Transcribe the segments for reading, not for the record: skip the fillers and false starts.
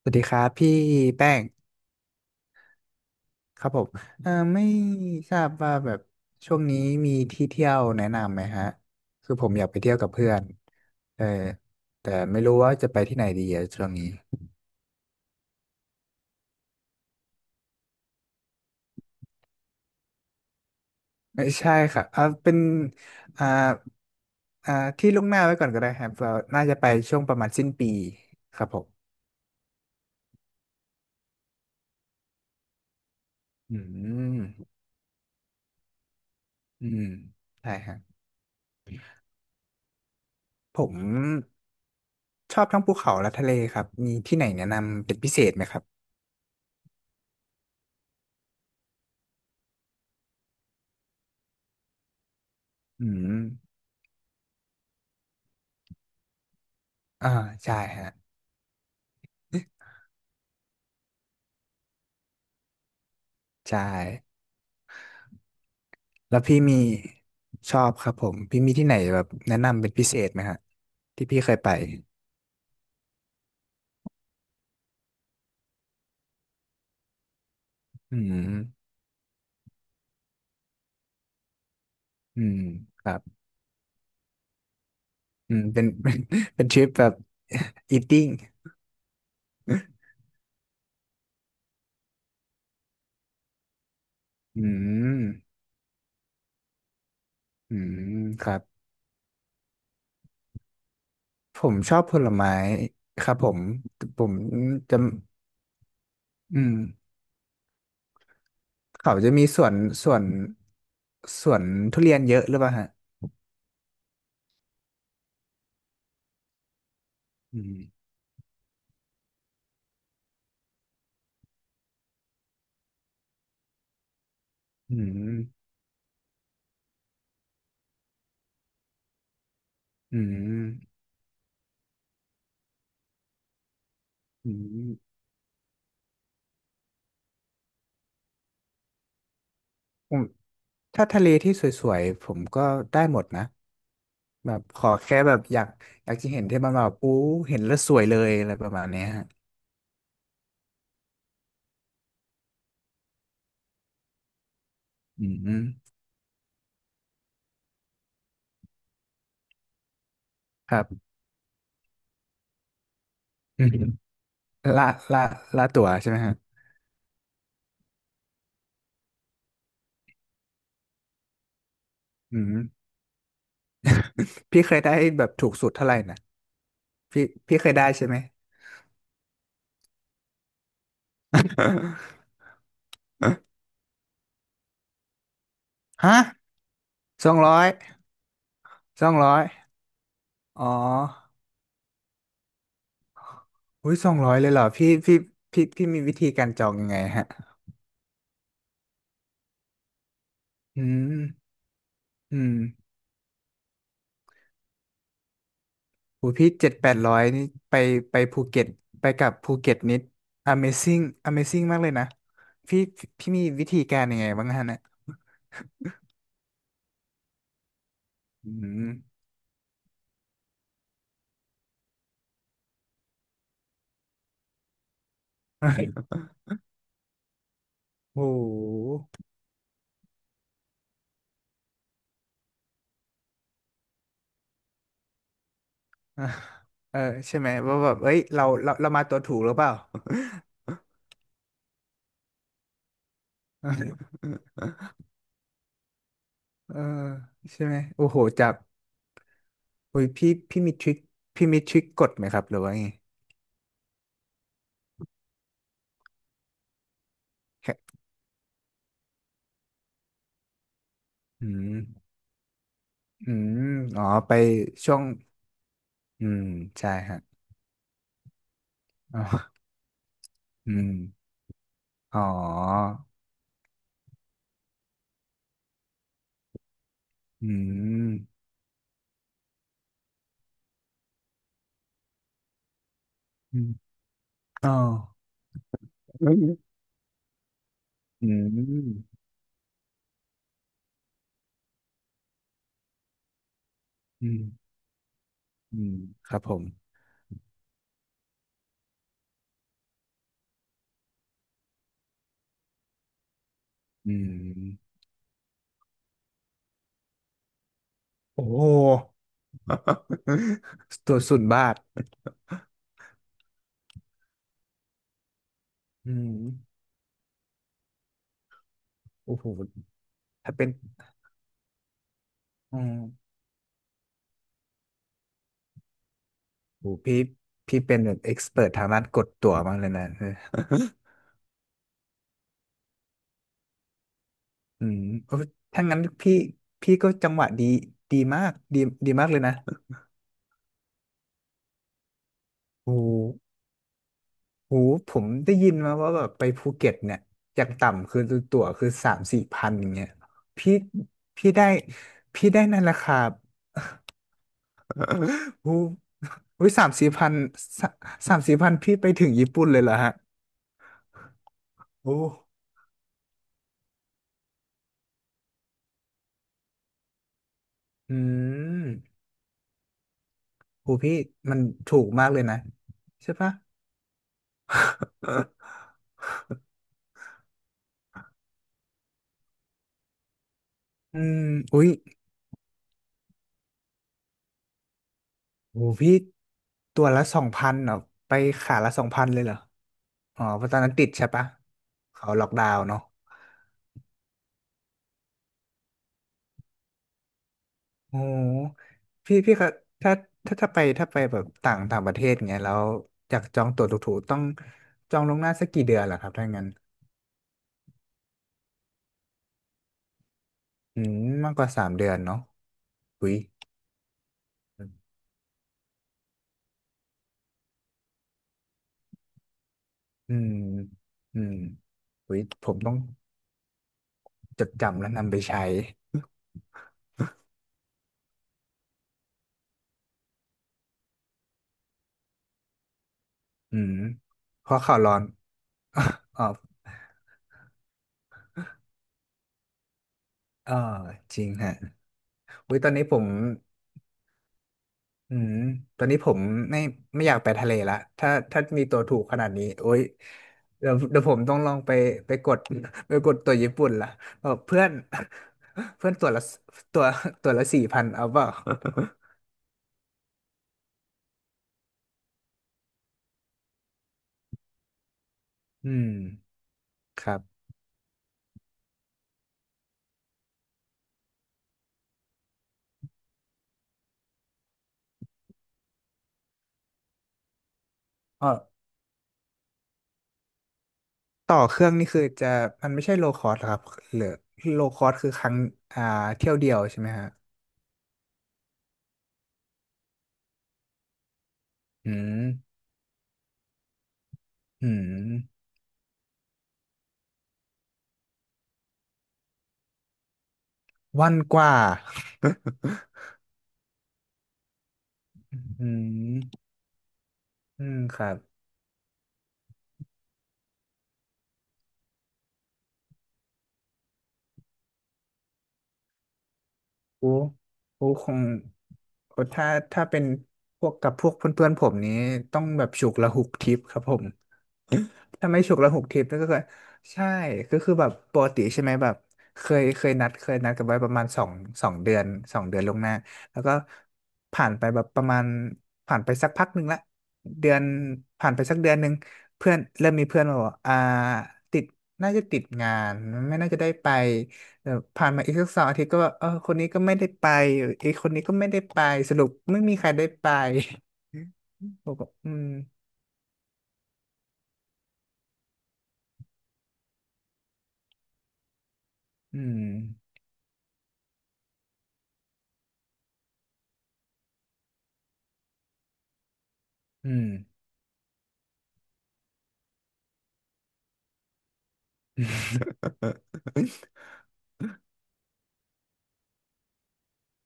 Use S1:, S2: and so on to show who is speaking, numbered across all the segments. S1: สวัสดีครับพี่แป้งครับผมไม่ทราบว่าแบบช่วงนี้มีที่เที่ยวแนะนำไหมฮะคือผมอยากไปเที่ยวกับเพื่อนเออแต่ไม่รู้ว่าจะไปที่ไหนดีอะช่วงนี้ไม่ใช่ค่ะเป็นอ่าอ่าที่ล่วงหน้าไว้ก่อนก็ได้ครับเราน่าจะไปช่วงประมาณสิ้นปีครับผมอืมอืมใช่ครับผมชอบทั้งภูเขาและทะเลครับมีที่ไหนแนะนำเป็นพิเศษไหมครับอืมอ่าใช่ฮะ ใช่แล้วพี่มีชอบครับผมพี่มีที่ไหนแบบแนะนำเป็นพิเศษไหมฮะที่พี่เคยไปอืมอืมครับอืมเป็น เป็นทริปแบบ eating อืมอืมครับผมชอบผลไม้ครับผมผมจะอืมเขาจะมีสวนสวนสวนทุเรียนเยอะหรือเปล่าฮะอืมอืมอืมอืมผมถ้าทะเลที่สวยๆผมก็ได้หมดนะ แบบขอแค่แบบอยากอยากจะเห็นที่มันแบบอู้เห็นแล้วสวยเลยอะไรประมาณเนี้ยฮะอืมครับอืมละละละตั๋วใช่ไหมฮะอืมพี่เคยได้แบบถูกสุดเท่าไหร่นะพี่พี่เคยได้ใช่ไหม ฮะสองร้อยสองร้อยอ๋ออุ้ยสองร้อยเลยเหรอพี่พี่มีวิธีการจองยังไงฮะอืมอืม โหพี่เจ็ดแปดร้อยนี่ไปภูเก็ตไปกับภูเก็ตนิด Amazing Amazing มากเลยนะพี่พี่มีวิธีการยังไงบ้างฮะเนี่ยอืม โอ้โหอ่ะเออใช่ไหมว่าแบบเอ้ยเรามาตัวถูกหรือเปล่า เออใช่ไหมโอ้โหจากโอ้ยพี่พี่มีทริคกดไหมครับหรือว่าไงแค่อืมอืมอ๋อไปช่วงอืมใช่ฮะอ๋ออืมอ๋ออืม อ๋ออืมอืมอืมครับผมอืมโอ้โห ตัวสุดบาทอืมโอ้โหถ้าเป็นอืมโอ้โหพี่เป็นแบบเอ็กซ์เพิร์ทางด้านกดตั๋วมากเลยนะ ออืมโอ้ถ้างั้นพี่พี่ก็จังหวะดีดีมากดีมากเลยนะโอ้ โหผมได้ยินมาว่าแบบไปภูเก็ตเนี่ยอย่างต่ำคือตั๋วคือสามสี่พันอย่างเงี้ยพี่พี่ได้พี่ได้นั่นแหละครับ โอ้โหสามสี่พันสามสี่พันพี่ไปถึงญี่ปุ่นเลยเหรอฮะโอ้อืมโหพี่มันถูกมากเลยนะใช่ปะอืมอุ๊ยโหพี่ตัวละสองพันเหรอไปขาละสองพันเลยเหรออ๋อเพราะตอนนั้นติดใช่ปะเขาล็อกดาวน์เนาะ โอ้พี่พี่ครับถ้าถ้าไปแบบต่างต่างประเทศเงี้ยแล้วอยากจองตั๋วถูกๆต้องจองล่วงหน้าสักกี่เดือนล่ะครับถ้างั้นอืมมากกว่าสามเดือนเนาะอุ้ยอืมอืมอุ้ยผมต้องจดจำและนำไปใช้อืมเพราะข่าวร้อน อ๋อเออจริงฮะอุ้ยตอนนี้ผม อืม ตอนนี้ผมไม่ไม่อยากไปทะเลละถ้าถ้ามีตัวถูกขนาดนี้โอ๊ยเดี๋ยวเดี๋ยวผมต้องลองไปไปกด ไปกดตัวญี่ปุ่นละบอกเพื่อน เพื่อนตัวละตัวตัวละสี่พันเอาเปล่าอืมครับอ๋อต่อเครื่องนี่คือจะมันไม่ใช่โลคอสครับหรือโลคอสคือครั้งอ่าเที่ยวเดียวใช่ไหมฮะอืมอืมวันกว่า อืมอืมครับ โอ้โหคงโอ้ถ้าถ้าเป็นพวกกับพวกเพื่อนๆผมนี้ต้องแบบฉุกละหุกทิปครับผม ถ้าไม่ฉุกละหกทิปนั่นก็คือใช่ก็คือแบบปกติใช่ไหมแบบเคยเคยนัดกันไว้ประมาณสองสองเดือนสองเดือนล่วงหน้าแล้วก็ผ่านไปแบบประมาณผ่านไปสักพักหนึ่งละเดือนผ่านไปสักเดือนหนึ่งเพื่อนเริ่มมีเพื่อนมาบอกอ่าติดน่าจะติดงานไม่น่าจะได้ไปเออผ่านมาอีกสักสองอาทิตย์ก็ว่าเออคนนี้ก็ไม่ได้ไปอีกคนนี้ก็ไม่ได้ไปสรุปไม่มีใครได้ไป บอกว่าอืมอืมอืม ค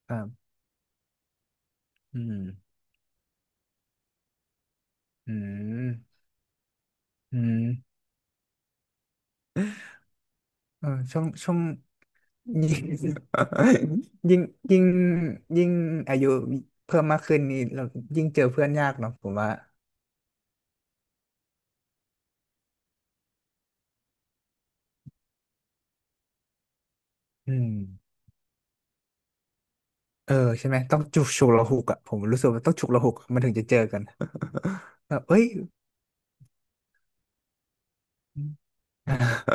S1: รับอืมอืมอืมเออช่วงช่วงยิ่ง ยิ่งยิ่งยิ่งอายุเพิ่มมากขึ้นนี่เรายิ่งเจอเพื่อนยากเนาะผมว่าอืมเออใช่ไหมต้องจุกฉุกละหุกอ่ะผมรู้สึกว่าต้องฉุกละหุกมันถึงจะเจอกัน แบบเอ้ยอ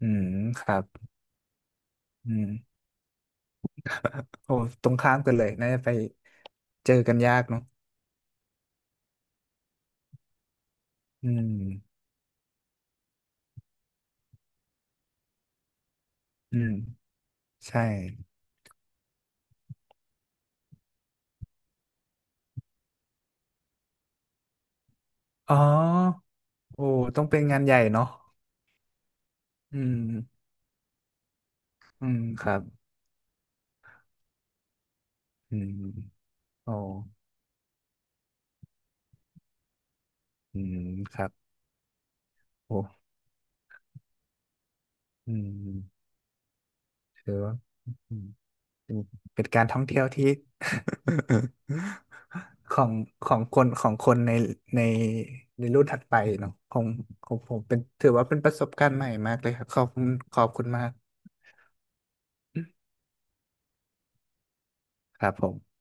S1: อืมครับอืมโอ้ตรงข้ามกันเลยน่าจะไปเจอกันยากเนาะอืมอืมใช่อ๋อ โอ้ต้องเป็นงานใหญ่เนาะอืมอืมครับอืมโอ้อืมครับโอ้อืมถือว่าอืมเป็นเป็นการท่องเที่ยวที่ ของของคนของคนในในในรุ่นถัดไปเนาะของของผมเป็นถือว่าเป็นประสบการณ์ใหม่มากเลยครับขอบคุณขอบคุณมากครับผม